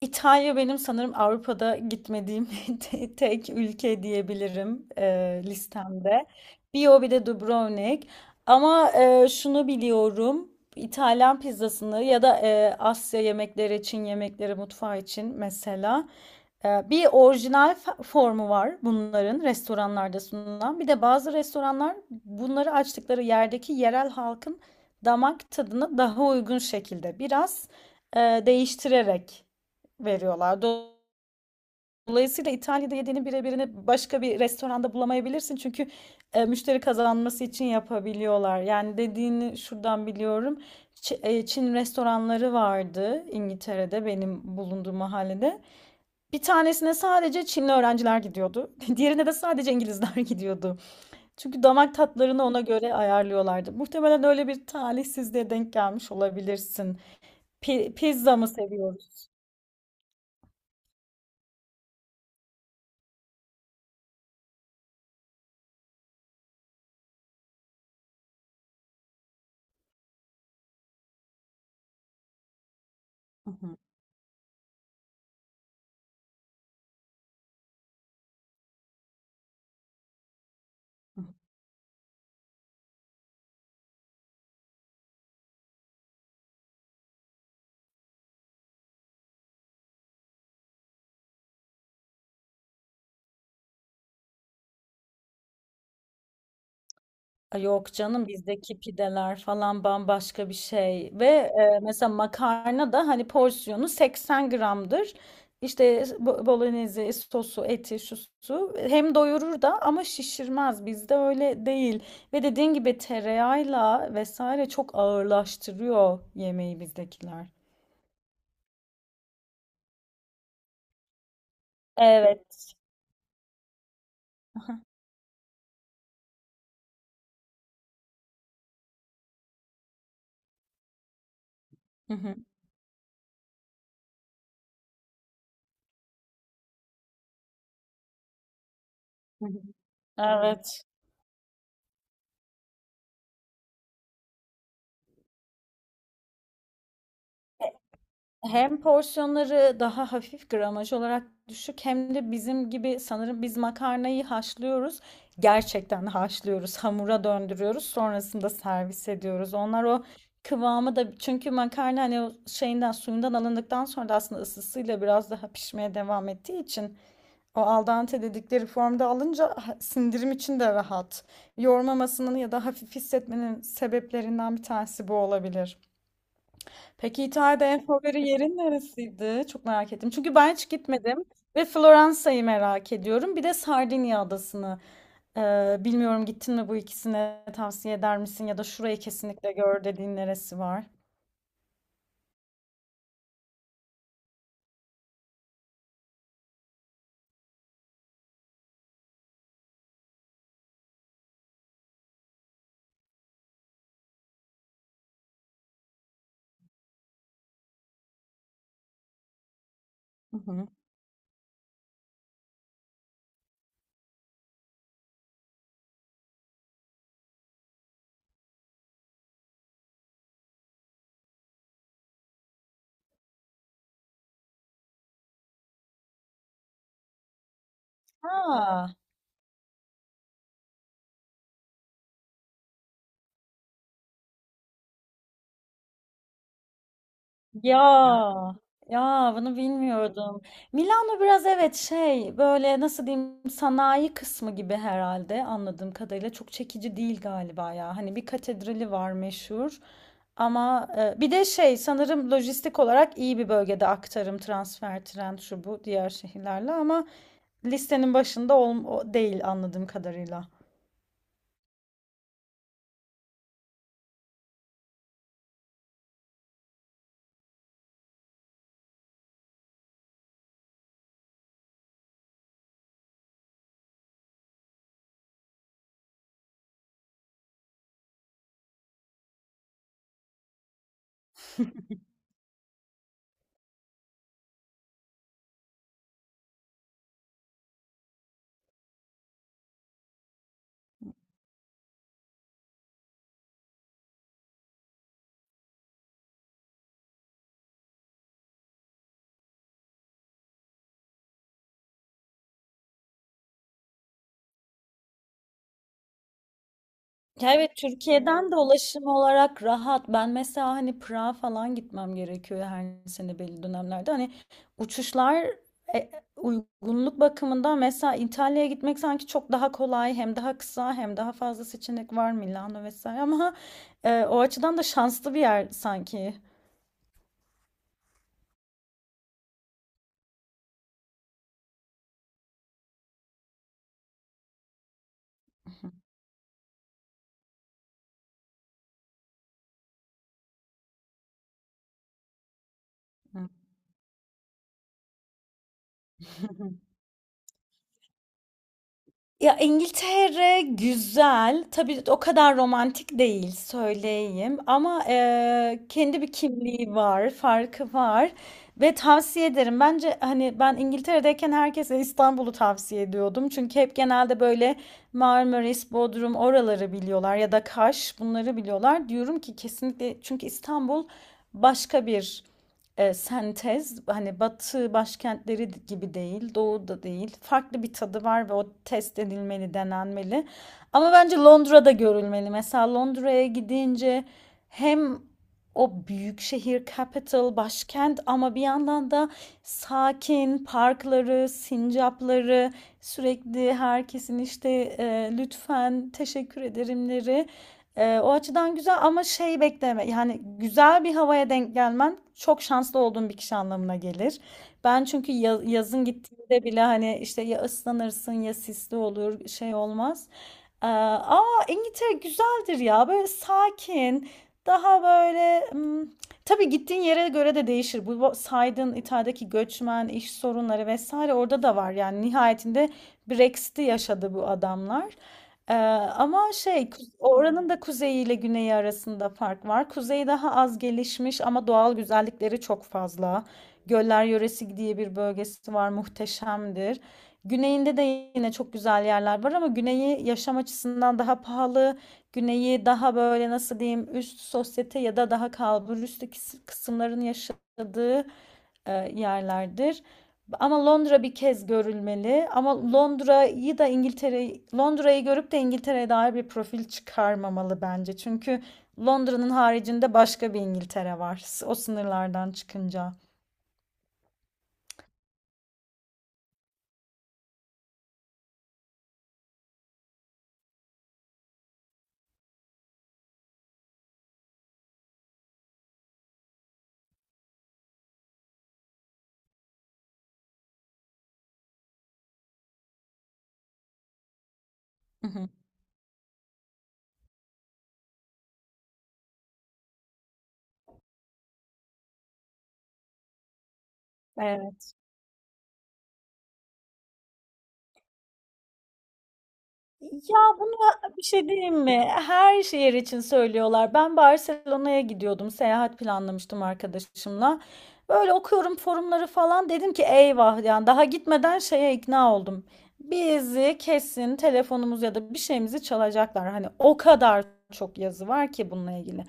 İtalya benim sanırım Avrupa'da gitmediğim tek ülke diyebilirim listemde. Bir o bir de Dubrovnik. Ama şunu biliyorum. İtalyan pizzasını ya da Asya yemekleri, Çin yemekleri mutfağı için mesela bir orijinal formu var bunların restoranlarda sunulan. Bir de bazı restoranlar bunları açtıkları yerdeki yerel halkın damak tadına daha uygun şekilde biraz değiştirerek veriyorlar. Dolayısıyla İtalya'da yediğinin birebirini başka bir restoranda bulamayabilirsin. Çünkü müşteri kazanması için yapabiliyorlar. Yani dediğini şuradan biliyorum. Çin restoranları vardı İngiltere'de benim bulunduğum mahallede. Bir tanesine sadece Çinli öğrenciler gidiyordu. Diğerine de sadece İngilizler gidiyordu. Çünkü damak tatlarını ona göre ayarlıyorlardı. Muhtemelen öyle bir talihsizliğe denk gelmiş olabilirsin. Pizza mı seviyoruz? Hı hı. Hı. Ay, yok canım, bizdeki pideler falan bambaşka bir şey ve mesela makarna da hani porsiyonu 80 gramdır. İşte bolognese, sosu, eti, şu su hem doyurur da ama şişirmez. Bizde öyle değil. Ve dediğin gibi tereyağıyla vesaire çok ağırlaştırıyor yemeği bizdekiler. Evet. Hı hı, hı hı. Evet. Hem porsiyonları daha hafif gramaj olarak düşük hem de bizim gibi sanırım biz makarnayı haşlıyoruz. Gerçekten haşlıyoruz, hamura döndürüyoruz, sonrasında servis ediyoruz. Onlar o kıvamı da, çünkü makarna hani o şeyinden, suyundan alındıktan sonra da aslında ısısıyla biraz daha pişmeye devam ettiği için, o al dente dedikleri formda alınca sindirim için de rahat. Yormamasının ya da hafif hissetmenin sebeplerinden bir tanesi bu olabilir. Peki İtalya'da en favori yerin neresiydi? Çok merak ettim. Çünkü ben hiç gitmedim ve Floransa'yı merak ediyorum. Bir de Sardinya adasını. Bilmiyorum, gittin mi bu ikisine, tavsiye eder misin? Ya da şurayı kesinlikle gör dediğin neresi var? Hı hı. Ha. Ya. Ya, bunu bilmiyordum. Milano biraz, evet, şey, böyle nasıl diyeyim, sanayi kısmı gibi herhalde anladığım kadarıyla çok çekici değil galiba ya. Hani bir katedrali var meşhur, ama bir de şey, sanırım lojistik olarak iyi bir bölgede, aktarım, transfer, tren, şu bu, diğer şehirlerle, ama listenin başında değil anladığım kadarıyla. Ya, evet, Türkiye'den de ulaşım olarak rahat. Ben mesela hani Prag'a falan gitmem gerekiyor her sene belli dönemlerde. Hani uçuşlar e, uygunluk bakımından, mesela İtalya'ya gitmek sanki çok daha kolay, hem daha kısa hem daha fazla seçenek var, Milano vesaire, ama o açıdan da şanslı bir yer sanki. Ya, İngiltere güzel. Tabii o kadar romantik değil, söyleyeyim. Ama kendi bir kimliği var, farkı var. Ve tavsiye ederim. Bence hani ben İngiltere'deyken herkese İstanbul'u tavsiye ediyordum. Çünkü hep genelde böyle Marmaris, Bodrum, oraları biliyorlar ya da Kaş, bunları biliyorlar. Diyorum ki kesinlikle, çünkü İstanbul başka bir sentez, hani batı başkentleri gibi değil, doğu da değil. Farklı bir tadı var ve o test edilmeli, denenmeli. Ama bence Londra'da görülmeli. Mesela Londra'ya gidince hem o büyük şehir, capital, başkent, ama bir yandan da sakin parkları, sincapları, sürekli herkesin işte e, lütfen, teşekkür ederimleri, o açıdan güzel, ama şey bekleme, yani güzel bir havaya denk gelmen çok şanslı olduğun bir kişi anlamına gelir. Ben çünkü yazın gittiğimde bile hani işte ya ıslanırsın ya sisli olur, şey olmaz. Ama İngiltere güzeldir ya, böyle sakin, daha böyle, tabii gittiğin yere göre de değişir. Bu saydığın İtalya'daki göçmen, iş sorunları vesaire orada da var yani, nihayetinde Brexit'i yaşadı bu adamlar. Ee, Ama şey, oranın da kuzeyi ile güneyi arasında fark var. Kuzey daha az gelişmiş ama doğal güzellikleri çok fazla. Göller yöresi diye bir bölgesi var, muhteşemdir. Güneyinde de yine çok güzel yerler var ama güneyi yaşam açısından daha pahalı. Güneyi daha böyle nasıl diyeyim, üst sosyete ya da daha kalbur üstü kısımların yaşadığı yerlerdir. Ama Londra bir kez görülmeli. Ama Londra'yı da, İngiltere, Londra'yı görüp de İngiltere'ye dair bir profil çıkarmamalı bence. Çünkü Londra'nın haricinde başka bir İngiltere var. O sınırlardan çıkınca. Hı hı. Evet. Ya bunu, bir şey diyeyim mi? Her şehir için söylüyorlar. Ben Barcelona'ya gidiyordum. Seyahat planlamıştım arkadaşımla. Böyle okuyorum forumları falan. Dedim ki eyvah, yani daha gitmeden şeye ikna oldum. Bizi kesin telefonumuz ya da bir şeyimizi çalacaklar. Hani o kadar çok yazı var ki bununla ilgili.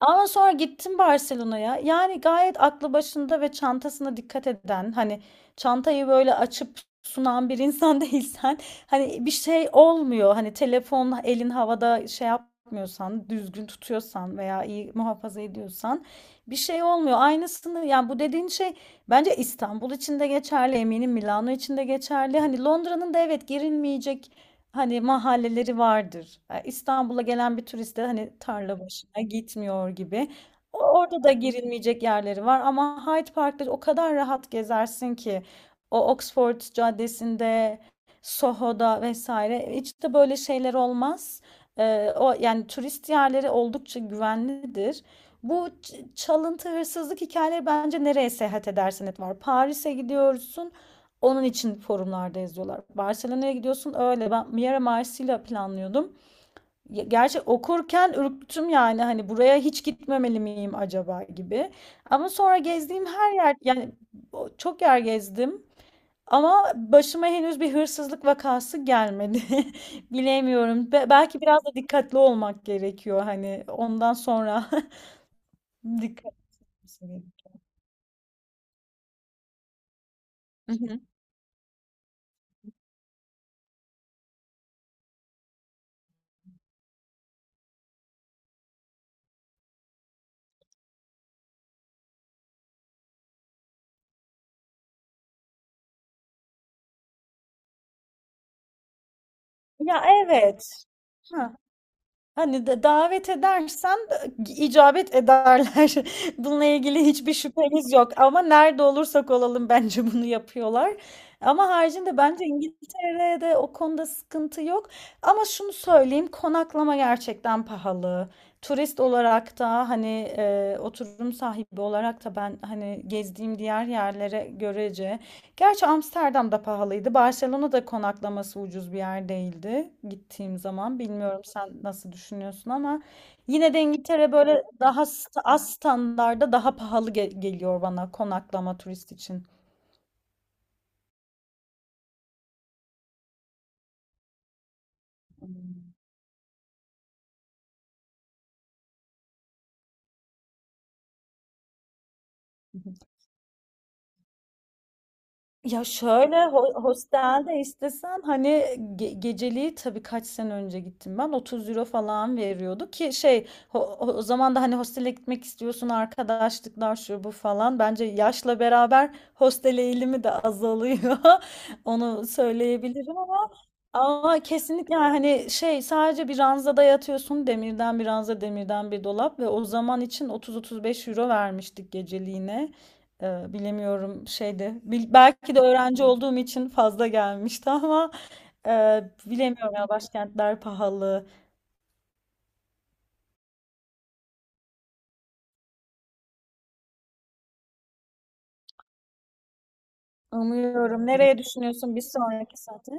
Ama sonra gittim Barcelona'ya. Yani gayet aklı başında ve çantasına dikkat eden, hani çantayı böyle açıp sunan bir insan değilsen, hani bir şey olmuyor. Hani telefon elin havada şey yapmıyorsan, düzgün tutuyorsan veya iyi muhafaza ediyorsan, bir şey olmuyor. Aynısını, yani bu dediğin şey bence İstanbul için de geçerli, eminim Milano için de geçerli. Hani Londra'nın da, evet, girilmeyecek hani mahalleleri vardır. İstanbul'a gelen bir turist de hani tarla başına gitmiyor gibi. Orada da girilmeyecek yerleri var, ama Hyde Park'ta o kadar rahat gezersin ki, o Oxford Caddesi'nde, Soho'da vesaire hiç de böyle şeyler olmaz. O yani turist yerleri oldukça güvenlidir. Bu çalıntı, hırsızlık hikayeleri bence nereye seyahat edersen et var. Paris'e gidiyorsun. Onun için forumlarda yazıyorlar. Barcelona'ya gidiyorsun öyle. Ben Miera, Marsilya planlıyordum. Gerçi okurken ürktüm yani, hani buraya hiç gitmemeli miyim acaba gibi. Ama sonra gezdiğim her yer, yani çok yer gezdim. Ama başıma henüz bir hırsızlık vakası gelmedi. Bilemiyorum. Belki biraz da dikkatli olmak gerekiyor hani, ondan sonra dikkat. Hı hı. Ya, evet. Hani de davet edersen, icabet ederler. Bununla ilgili hiçbir şüphemiz yok ama nerede olursak olalım bence bunu yapıyorlar. Ama haricinde bence İngiltere'de o konuda sıkıntı yok. Ama şunu söyleyeyim, konaklama gerçekten pahalı. Turist olarak da hani, oturum sahibi olarak da, ben hani gezdiğim diğer yerlere görece, gerçi Amsterdam da pahalıydı. Barcelona'da konaklaması ucuz bir yer değildi gittiğim zaman. Bilmiyorum sen nasıl düşünüyorsun ama, yine de İngiltere böyle daha az standarda daha pahalı geliyor bana, konaklama turist için. Hmm. Ya şöyle, hostelde istesen hani geceliği, tabii kaç sene önce gittim ben, 30 euro falan veriyordu ki, şey, o zaman da hani hostele gitmek istiyorsun, arkadaşlıklar şu bu falan, bence yaşla beraber hostel eğilimi de azalıyor, onu söyleyebilirim ama, kesinlikle yani, hani şey, sadece bir ranzada yatıyorsun, demirden bir ranza, demirden bir dolap, ve o zaman için 30-35 euro vermiştik geceliğine. Bilemiyorum şeyde, belki de öğrenci olduğum için fazla gelmişti ama, e, bilemiyorum ya, başkentler pahalı. Umuyorum. Nereye düşünüyorsun bir sonraki seyahate?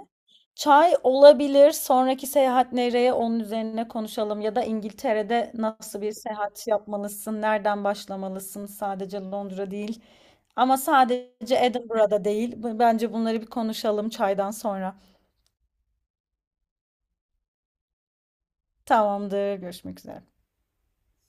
Çay olabilir. Sonraki seyahat nereye? Onun üzerine konuşalım. Ya da İngiltere'de nasıl bir seyahat yapmalısın? Nereden başlamalısın? Sadece Londra değil. Ama sadece Edinburgh'da değil. Bence bunları bir konuşalım çaydan sonra. Tamamdır. Görüşmek üzere.